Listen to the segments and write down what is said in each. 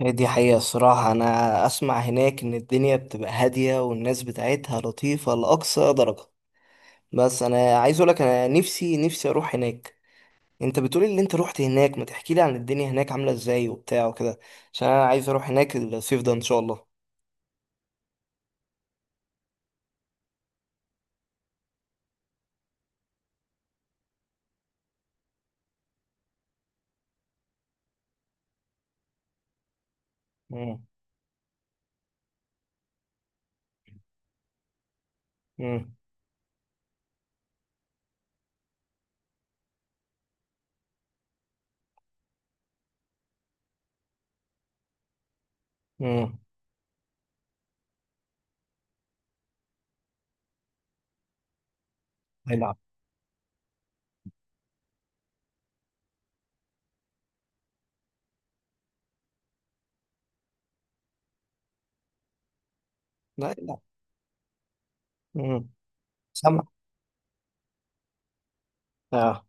هي دي حقيقة الصراحة. أنا أسمع هناك إن الدنيا بتبقى هادية والناس بتاعتها لطيفة لأقصى درجة. بس أنا عايز أقولك، أنا نفسي أروح هناك. أنت بتقولي اللي أنت روحت هناك، ما تحكيلي عن الدنيا هناك عاملة إزاي وبتاع وكده؟ عشان أنا عايز أروح هناك الصيف ده إن شاء الله. مم. مم. مم. هيلعب. لا لا. مم. سمع. آه.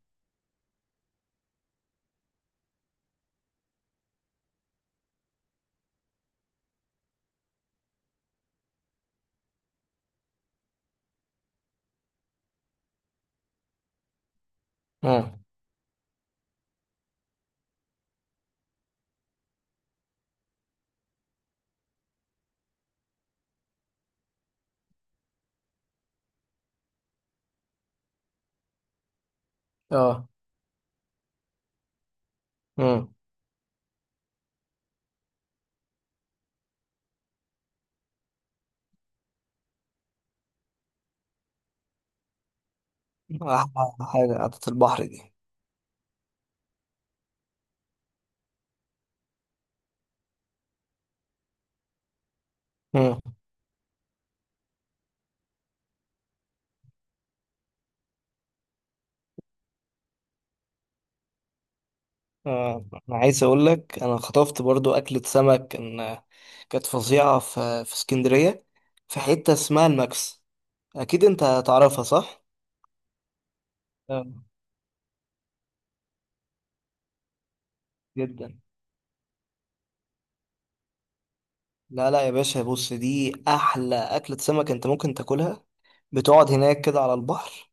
آه. آه. مم. أحلى حاجة قعدة البحر دي. مم. آه. أنا عايز أقولك، أنا خطفت برضو أكلة سمك كانت فظيعة في اسكندرية. في حتة اسمها الماكس، أكيد أنت تعرفها، صح؟ اه، جدا. لا لا يا باشا، بص، دي أحلى أكلة سمك أنت ممكن تاكلها. بتقعد هناك كده على البحر،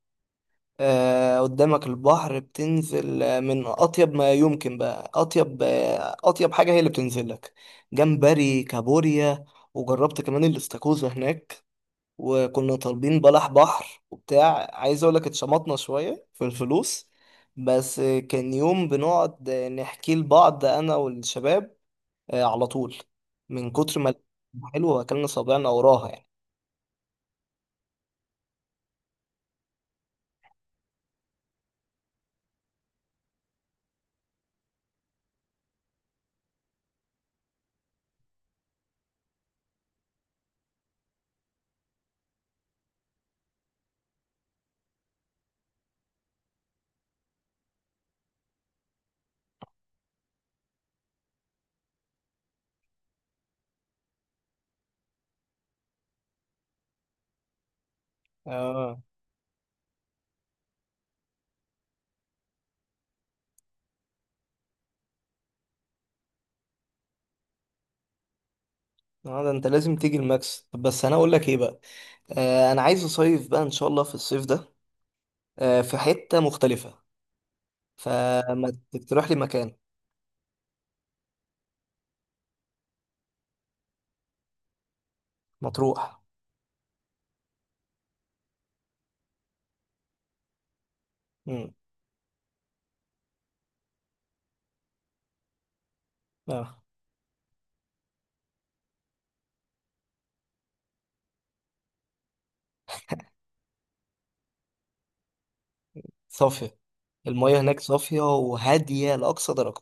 آه قدامك البحر، بتنزل من أطيب ما يمكن، بقى أطيب أطيب حاجة هي اللي بتنزل لك. جمبري، كابوريا. وجربت كمان الاستاكوزا هناك. وكنا طالبين بلح بحر وبتاع، عايز اقول لك اتشمطنا شوية في الفلوس. بس كان يوم بنقعد نحكي لبعض انا والشباب على طول، من كتر ما الأكل حلو واكلنا صابعنا وراها يعني. اه. آه، ده انت لازم تيجي الماكس. طب بس انا اقول لك ايه بقى. آه، انا عايز اصيف بقى ان شاء الله في الصيف ده، آه في حتة مختلفة. فما تقترح لي مكان؟ مطروح. امم. اه. صافية. المياه هناك صافية وهادية لأقصى درجة.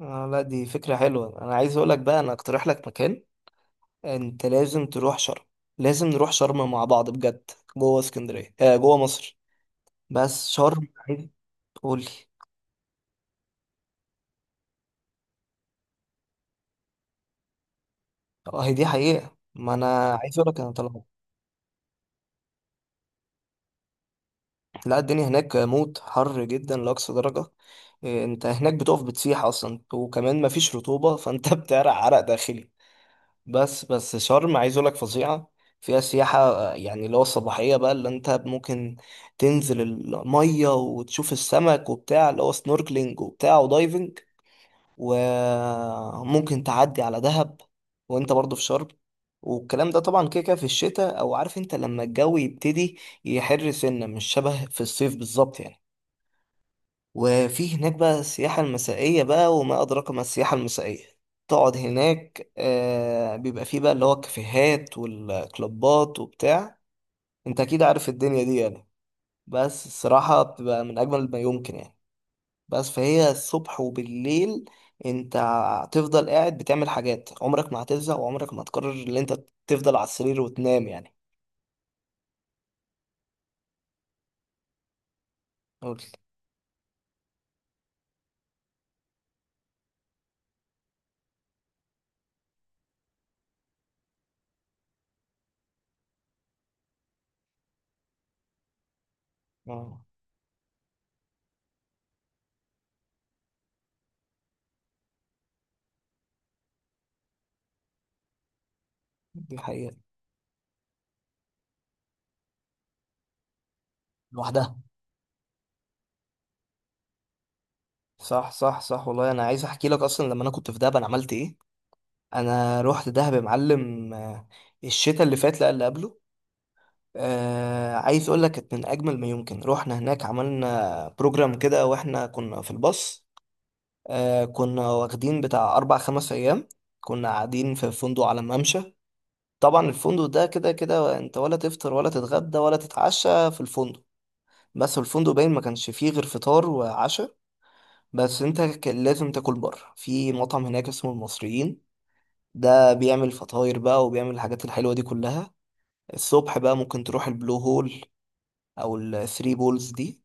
آه، لا دي فكرة حلوة. أنا عايز أقولك بقى، أنا أقترح لك مكان. أنت لازم تروح شرم. لازم نروح شرم مع بعض بجد. جوه اسكندرية، آه جوه مصر. بس شرم عايز تقولي. اه، هي دي حقيقة. ما أنا عايز أقولك أنا طلعت. لا، الدنيا هناك موت، حر جدا لأقصى درجة. آه، أنت هناك بتقف بتسيح أصلا، وكمان مفيش رطوبة، فأنت بتعرق عرق داخلي. بس شرم، عايز اقول لك فظيعه. فيها سياحه، آه، يعني اللي هو الصباحيه بقى، اللي انت ممكن تنزل الميه وتشوف السمك وبتاع، اللي هو سنوركلينج وبتاع ودايفنج. وممكن تعدي على دهب وانت برضو في شرم. والكلام ده طبعا كده كده في الشتاء، او عارف انت لما الجو يبتدي يحر سنه، مش شبه في الصيف بالظبط يعني. وفي هناك بقى السياحة المسائية بقى، وما أدراك ما السياحة المسائية. تقعد هناك آه، بيبقى فيه بقى اللي هو الكافيهات والكلوبات وبتاع. انت أكيد عارف الدنيا دي يعني. بس الصراحة بتبقى من أجمل ما يمكن يعني. بس فهي الصبح وبالليل انت هتفضل قاعد بتعمل حاجات، عمرك ما هتزهق، وعمرك ما هتقرر ان انت تفضل على السرير وتنام يعني. قول. اه، دي حقيقة. لوحدها. صح صح صح، والله انا عايز احكي لك. اصلا لما انا كنت في دهب انا عملت ايه؟ انا رحت دهب يا معلم، آه، الشتاء اللي فات، لا اللي قبله. آه، عايز اقول لك، كانت من اجمل ما يمكن. رحنا هناك عملنا بروجرام كده واحنا كنا في الباص. آه، كنا واخدين بتاع اربع خمس ايام. كنا قاعدين في فندق على ممشى. طبعا الفندق ده كده كده انت ولا تفطر ولا تتغدى ولا تتعشى في الفندق. بس الفندق باين ما كانش فيه غير فطار وعشاء، بس انت كان لازم تاكل بره في مطعم هناك اسمه المصريين. ده بيعمل فطاير بقى وبيعمل الحاجات الحلوة دي كلها. الصبح بقى ممكن تروح البلو هول او الثري بولز دي،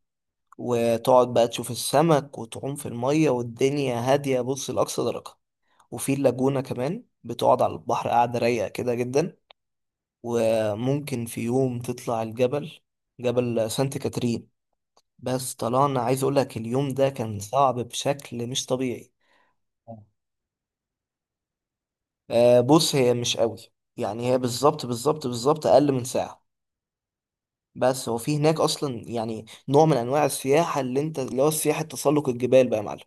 وتقعد بقى تشوف السمك وتعوم في المية والدنيا هادية، بص، لأقصى درجة. وفي اللاجونة كمان بتقعد على البحر، قاعدة رايقة كده جدا. وممكن في يوم تطلع الجبل، جبل سانت كاترين. بس طلعنا، عايز اقولك، اليوم ده كان صعب بشكل مش طبيعي. آه، بص هي مش قوي يعني، هي بالظبط بالظبط بالظبط اقل من ساعة. بس هو في هناك اصلا يعني نوع من انواع السياحه اللي انت، اللي هو سياحه تسلق الجبال بقى يا معلم.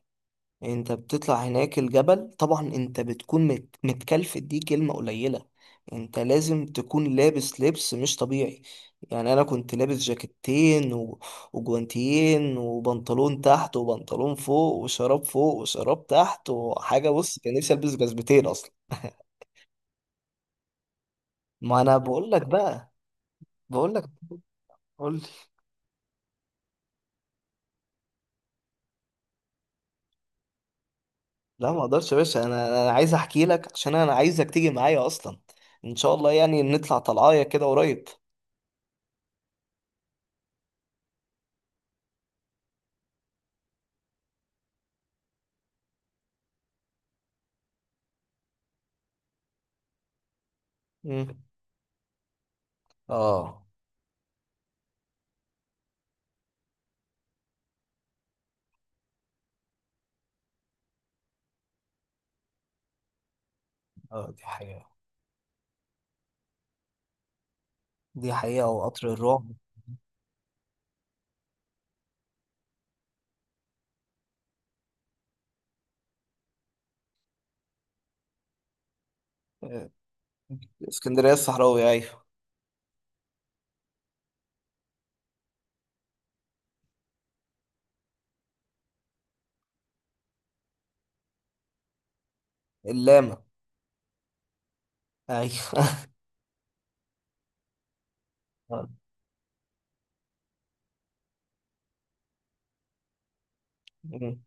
انت بتطلع هناك الجبل، طبعا انت بتكون متكلف، دي كلمه قليله. انت لازم تكون لابس لبس مش طبيعي. يعني انا كنت لابس جاكيتين، و... وجوانتيين وبنطلون تحت وبنطلون فوق وشراب فوق وشراب تحت وحاجه، بص كان نفسي البس جزمتين اصلا. ما انا بقول لك بقى، بقول لك قول لي. لا ما اقدرش يا باشا. انا عايز احكي لك، عشان انا عايزك تيجي معايا اصلا. ان شاء الله يعني نطلع طلعايه كده قريب. امم. اه. اه، دي حقيقة. دي حقيقة وقطر الرعب. آه، اسكندرية الصحراوي، ايوه. اللاما. ايوه آه. مم.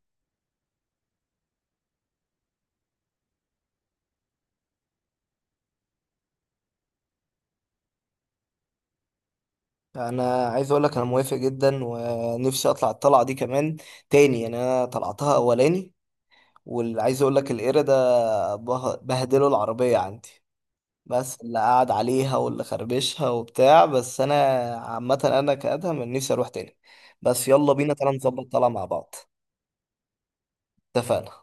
انا عايز اقول لك، انا موافق جدا ونفسي اطلع الطلعة دي كمان تاني يعني. انا طلعتها اولاني، واللي عايز اقول لك القرد ده بهدله العربية عندي. بس اللي قعد عليها واللي خربشها وبتاع، بس انا عامة انا كأدهم إن نفسي اروح تاني. بس يلا بينا تعالى نظبط طلعة مع بعض. اتفقنا.